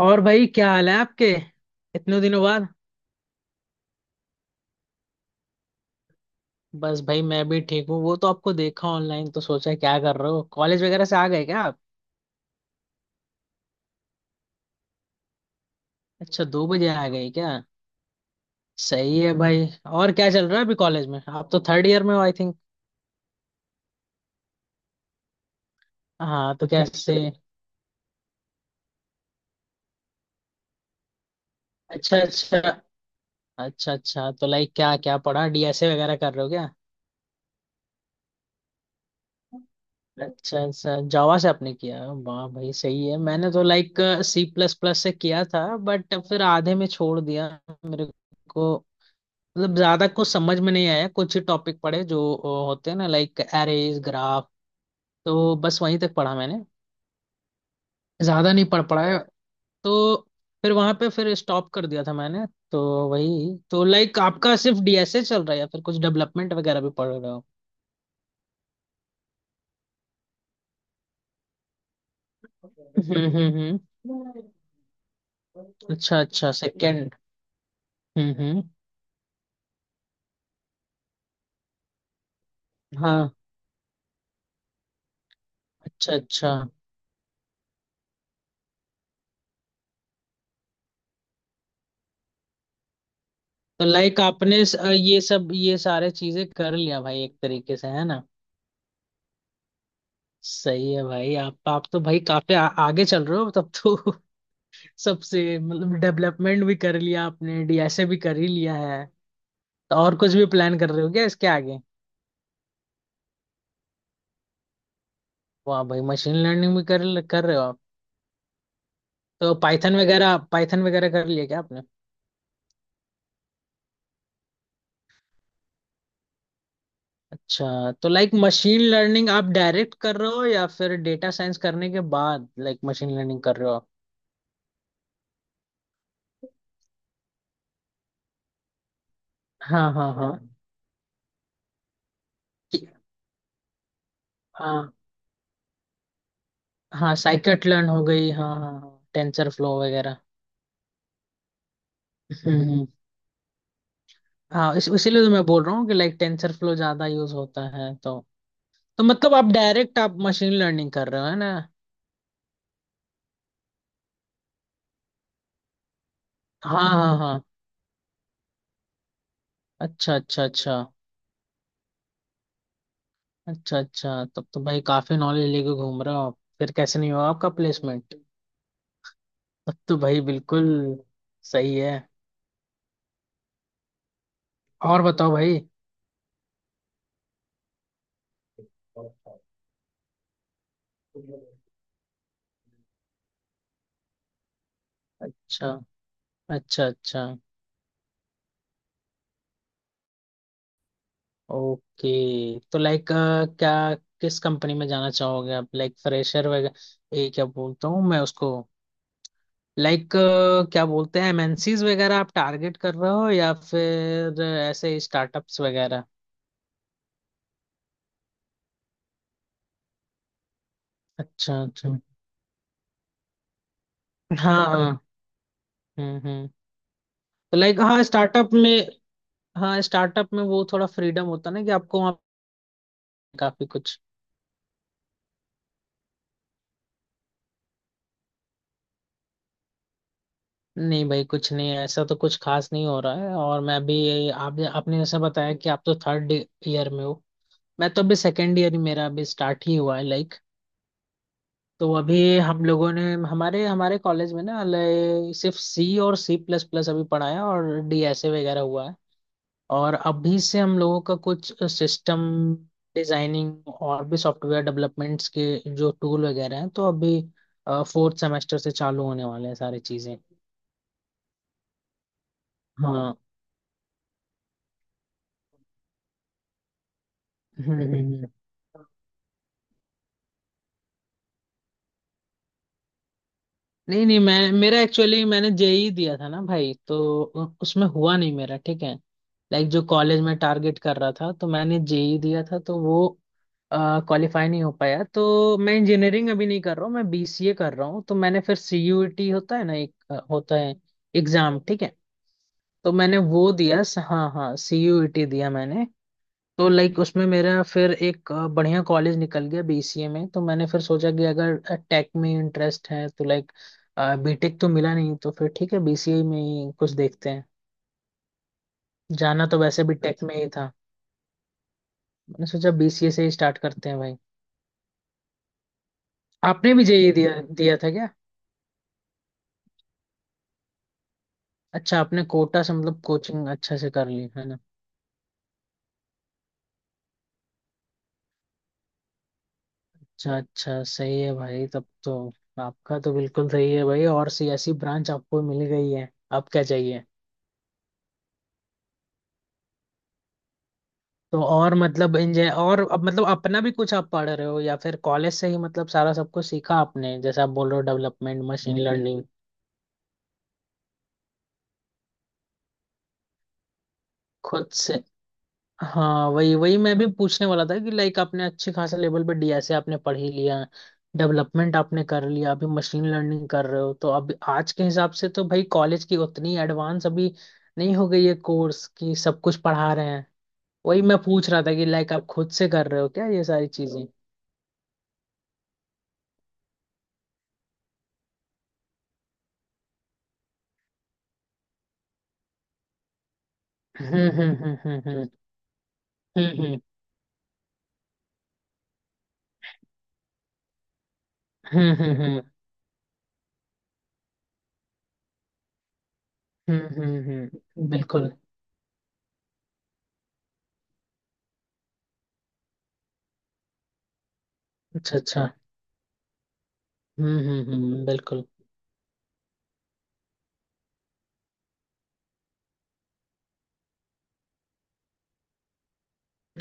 और भाई क्या हाल है आपके इतने दिनों बाद? बस भाई मैं भी ठीक हूँ। वो तो आपको देखा ऑनलाइन, तो सोचा क्या कर रहे हो, कॉलेज वगैरह से आ गए क्या आप? अच्छा, 2 बजे आ गए क्या? सही है भाई। और क्या चल रहा है अभी कॉलेज में, आप तो थर्ड ईयर में हो आई थिंक? हाँ, तो कैसे? अच्छा अच्छा। अच्छा अच्छा, तो लाइक क्या क्या पढ़ा, डीएसए वगैरह कर रहे हो क्या? अच्छा अच्छा, जावा से आपने किया, वाह भाई सही है। मैंने तो लाइक सी प्लस प्लस से किया था, बट फिर आधे में छोड़ दिया। मेरे को मतलब ज्यादा कुछ समझ में नहीं आया, कुछ ही टॉपिक पढ़े जो होते हैं ना, लाइक एरेज, ग्राफ। तो बस वहीं तक पढ़ा मैंने, ज्यादा नहीं पढ़ पाया। तो फिर वहां पे फिर स्टॉप कर दिया था मैंने, तो वही। तो लाइक आपका सिर्फ डीएसए चल रहा है या फिर कुछ डेवलपमेंट वगैरह भी पढ़ रहे हो? हम्म हम्म हम्म। अच्छा अच्छा, सेकेंड। हम्म। हाँ। अच्छा अच्छा, तो लाइक आपने ये सारे चीजें कर लिया भाई एक तरीके से, है ना? सही है भाई। आप तो भाई काफी आगे चल रहे हो तब तो सबसे मतलब डेवलपमेंट भी कर लिया आपने, डीएसए भी कर ही लिया है, तो और कुछ भी प्लान कर रहे हो क्या इसके आगे? वाह भाई, मशीन लर्निंग भी कर कर रहे हो आप। तो पाइथन वगैरह कर लिया क्या आपने? अच्छा, तो लाइक मशीन लर्निंग आप डायरेक्ट कर रहे हो या फिर डेटा साइंस करने के बाद लाइक मशीन लर्निंग कर रहे हो आप? हाँ हाँ हाँ। कि- हाँ हाँ, साइकिट लर्न हो गई, हाँ हाँ, टेंसर फ्लो वगैरह। हम्म। हाँ, इस इसीलिए तो मैं बोल रहा हूँ कि लाइक टेंसर फ्लो ज्यादा यूज होता है, तो मतलब आप डायरेक्ट आप मशीन लर्निंग कर रहे हो, है ना? हाँ हाँ हाँ। अच्छा अच्छा। अच्छा अच्छा। अच्छा, तब तो भाई काफी नॉलेज लेके घूम रहे हो आप, फिर कैसे नहीं हुआ आपका प्लेसमेंट? तब तो भाई बिल्कुल सही है। और बताओ भाई। अच्छा अच्छा। अच्छा। ओके। तो लाइक क्या, किस कंपनी में जाना चाहोगे आप, लाइक फ्रेशर वगैरह ये क्या बोलता हूँ मैं उसको, लाइक क्या बोलते हैं, एमएनसीज वगैरह आप टारगेट कर रहे हो या फिर ऐसे स्टार्टअप्स वगैरह? अच्छा अच्छा। हाँ हाँ। हम्म। तो लाइक हाँ स्टार्टअप में, हाँ स्टार्टअप में वो थोड़ा फ्रीडम होता है ना कि आपको वहाँ काफी कुछ। नहीं भाई कुछ नहीं है, ऐसा तो कुछ खास नहीं हो रहा है, और मैं भी आप आपने जैसा बताया कि आप तो थर्ड ईयर में हो, मैं तो अभी सेकेंड ईयर ही, मेरा अभी स्टार्ट ही हुआ है लाइक। तो अभी हम लोगों ने हमारे हमारे कॉलेज में ना सिर्फ सी और सी प्लस प्लस अभी पढ़ाया, और डीएसए वगैरह हुआ है। और अभी से हम लोगों का कुछ सिस्टम डिजाइनिंग और भी सॉफ्टवेयर डेवलपमेंट्स के जो टूल वगैरह हैं, तो अभी फोर्थ सेमेस्टर से चालू होने वाले हैं सारी चीजें। हाँ। हम्म हम्म हम्म। नहीं नहीं, मैं मेरा एक्चुअली मैंने जेई दिया था ना भाई, तो उसमें हुआ नहीं मेरा, ठीक है। लाइक जो कॉलेज में टारगेट कर रहा था, तो मैंने जेई दिया था तो वो क्वालिफाई नहीं हो पाया, तो मैं इंजीनियरिंग अभी नहीं कर रहा हूँ, मैं बीसीए कर रहा हूँ। तो मैंने फिर सीयूईटी होता है ना एक होता है एग्जाम, ठीक है। तो मैंने वो दिया हाँ हाँ, सीयूईटी दिया मैंने। तो लाइक उसमें मेरा फिर एक बढ़िया कॉलेज निकल गया बीसीए में, तो मैंने फिर सोचा कि अगर टेक में इंटरेस्ट है तो लाइक बीटेक तो मिला नहीं, तो फिर ठीक है बीसीए में ही कुछ देखते हैं। जाना तो वैसे भी टेक में ही था, मैंने सोचा बीसीए से ही स्टार्ट करते हैं भाई। आपने भी जेईई दिया दिया था क्या? अच्छा, आपने कोटा से मतलब कोचिंग अच्छा से कर ली है ना। अच्छा अच्छा, सही है भाई तब तो। आपका तो बिल्कुल सही है भाई, और सी ऐसी ब्रांच आपको मिल गई है, अब क्या चाहिए, तो और मतलब इंजॉय। और अब मतलब अपना भी कुछ आप पढ़ रहे हो या फिर कॉलेज से ही मतलब सारा सब कुछ सीखा आपने, जैसे आप बोल रहे हो डेवलपमेंट, मशीन लर्निंग। खुद से। हाँ वही वही, मैं भी पूछने वाला था कि लाइक आपने अच्छे खासे लेवल पे डीएसए आपने पढ़ ही लिया, डेवलपमेंट आपने कर लिया, अभी मशीन लर्निंग कर रहे हो, तो अब आज के हिसाब से तो भाई कॉलेज की उतनी एडवांस अभी नहीं हो गई है, कोर्स की सब कुछ पढ़ा रहे हैं। वही मैं पूछ रहा था कि लाइक आप खुद से कर रहे हो क्या ये सारी चीजें? हम्म हम्म हम्म हम्म हम्म हम्म, हम्म हम्म हम्म बिल्कुल। अच्छा अच्छा। हम्म, बिल्कुल।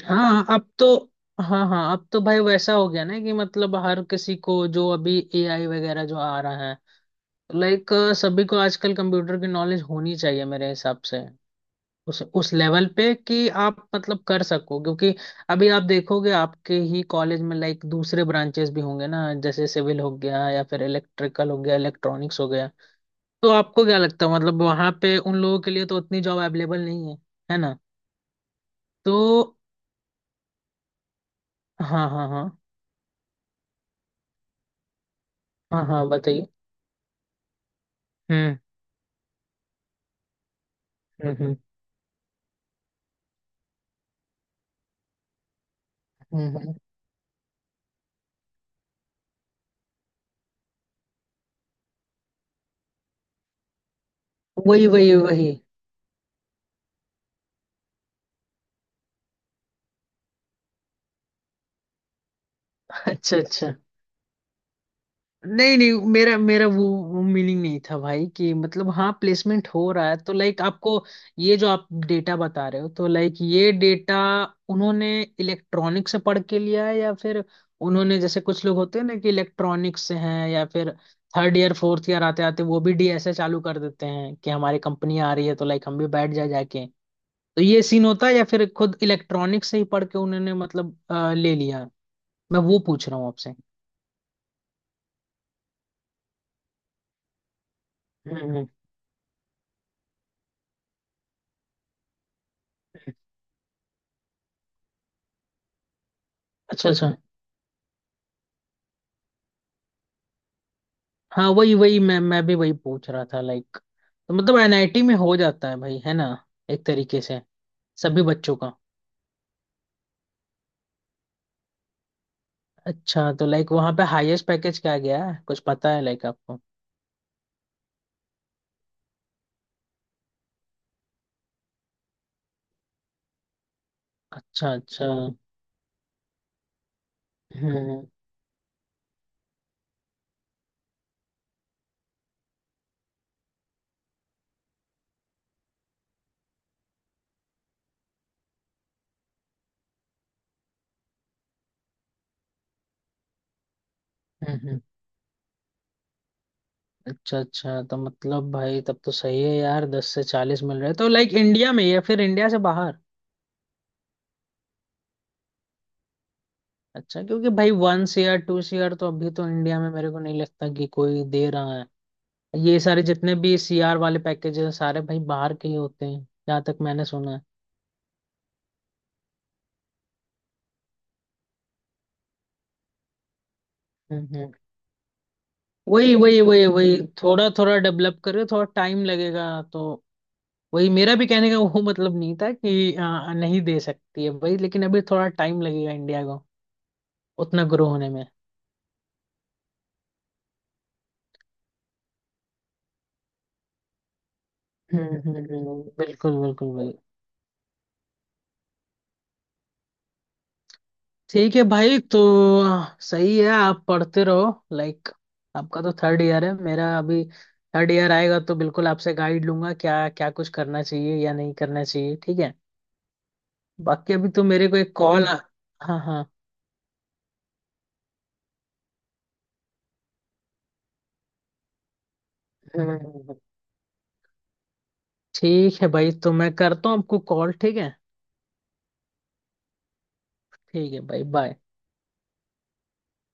हाँ अब तो, हाँ हाँ अब तो भाई वैसा हो गया ना कि मतलब हर किसी को, जो अभी एआई वगैरह जो आ रहा है, लाइक सभी को आजकल कंप्यूटर की नॉलेज होनी चाहिए मेरे हिसाब से, उस लेवल पे कि आप मतलब कर सको, क्योंकि अभी आप देखोगे आपके ही कॉलेज में लाइक दूसरे ब्रांचेस भी होंगे ना, जैसे सिविल हो गया, या फिर इलेक्ट्रिकल हो गया, इलेक्ट्रॉनिक्स हो गया, तो आपको क्या लगता है मतलब वहां पे उन लोगों के लिए तो उतनी जॉब अवेलेबल नहीं है, है ना? तो हाँ हाँ हाँ। हाँ हाँ, बताइए। हम्म हम्म हम्म हम्म, हम्म। वही वही वही। अच्छा अच्छा। नहीं नहीं, मेरा मेरा वो मीनिंग नहीं था भाई कि मतलब हाँ प्लेसमेंट हो रहा है तो लाइक आपको, ये जो आप डेटा बता रहे हो तो लाइक ये डेटा उन्होंने इलेक्ट्रॉनिक से पढ़ के लिया है या फिर उन्होंने, जैसे कुछ लोग होते हैं ना कि इलेक्ट्रॉनिक्स से हैं या फिर थर्ड ईयर फोर्थ ईयर आते आते वो भी डीएसए चालू कर देते हैं कि हमारी कंपनी आ रही है तो लाइक हम भी बैठ जाए जाके, तो ये सीन होता है, या फिर खुद इलेक्ट्रॉनिक्स से ही पढ़ के उन्होंने मतलब ले लिया, मैं वो पूछ रहा हूँ आपसे। हम्म हम्म। अच्छा अच्छा। हाँ वही वही मैं भी वही पूछ रहा था लाइक, तो मतलब एनआईटी में हो जाता है भाई, है ना, एक तरीके से सभी बच्चों का। अच्छा, तो लाइक वहाँ पे हाईएस्ट पैकेज क्या गया है, कुछ पता है लाइक आपको? अच्छा अच्छा। हम्म हम्म। अच्छा अच्छा, तो मतलब भाई तब तो सही है यार, 10 से 40 मिल रहे हैं। तो लाइक इंडिया में या फिर इंडिया से बाहर? अच्छा, क्योंकि भाई वन सीआर टू सीआर तो अभी तो इंडिया में मेरे को नहीं लगता कि कोई दे रहा, ये सारे जितने भी सीआर वाले पैकेज हैं सारे भाई बाहर के ही होते हैं, जहाँ तक मैंने सुना है। हम्म हम्म। वही वही वही वही, थोड़ा थोड़ा डेवलप करें, थोड़ा टाइम लगेगा, तो वही मेरा भी कहने का वो मतलब नहीं था कि नहीं दे सकती है भाई, लेकिन अभी थोड़ा टाइम लगेगा इंडिया को उतना ग्रो होने में। बिल्कुल बिल्कुल भाई। ठीक है भाई, तो सही है आप पढ़ते रहो लाइक, आपका तो थर्ड ईयर है, मेरा अभी थर्ड ईयर आएगा तो बिल्कुल आपसे गाइड लूंगा क्या क्या कुछ करना चाहिए या नहीं करना चाहिए, ठीक है। बाकी अभी तो मेरे को एक कॉल आ। हाँ हाँ। हम्म। ठीक है भाई, तो मैं करता हूँ आपको कॉल, ठीक है। ठीक है भाई, बाय।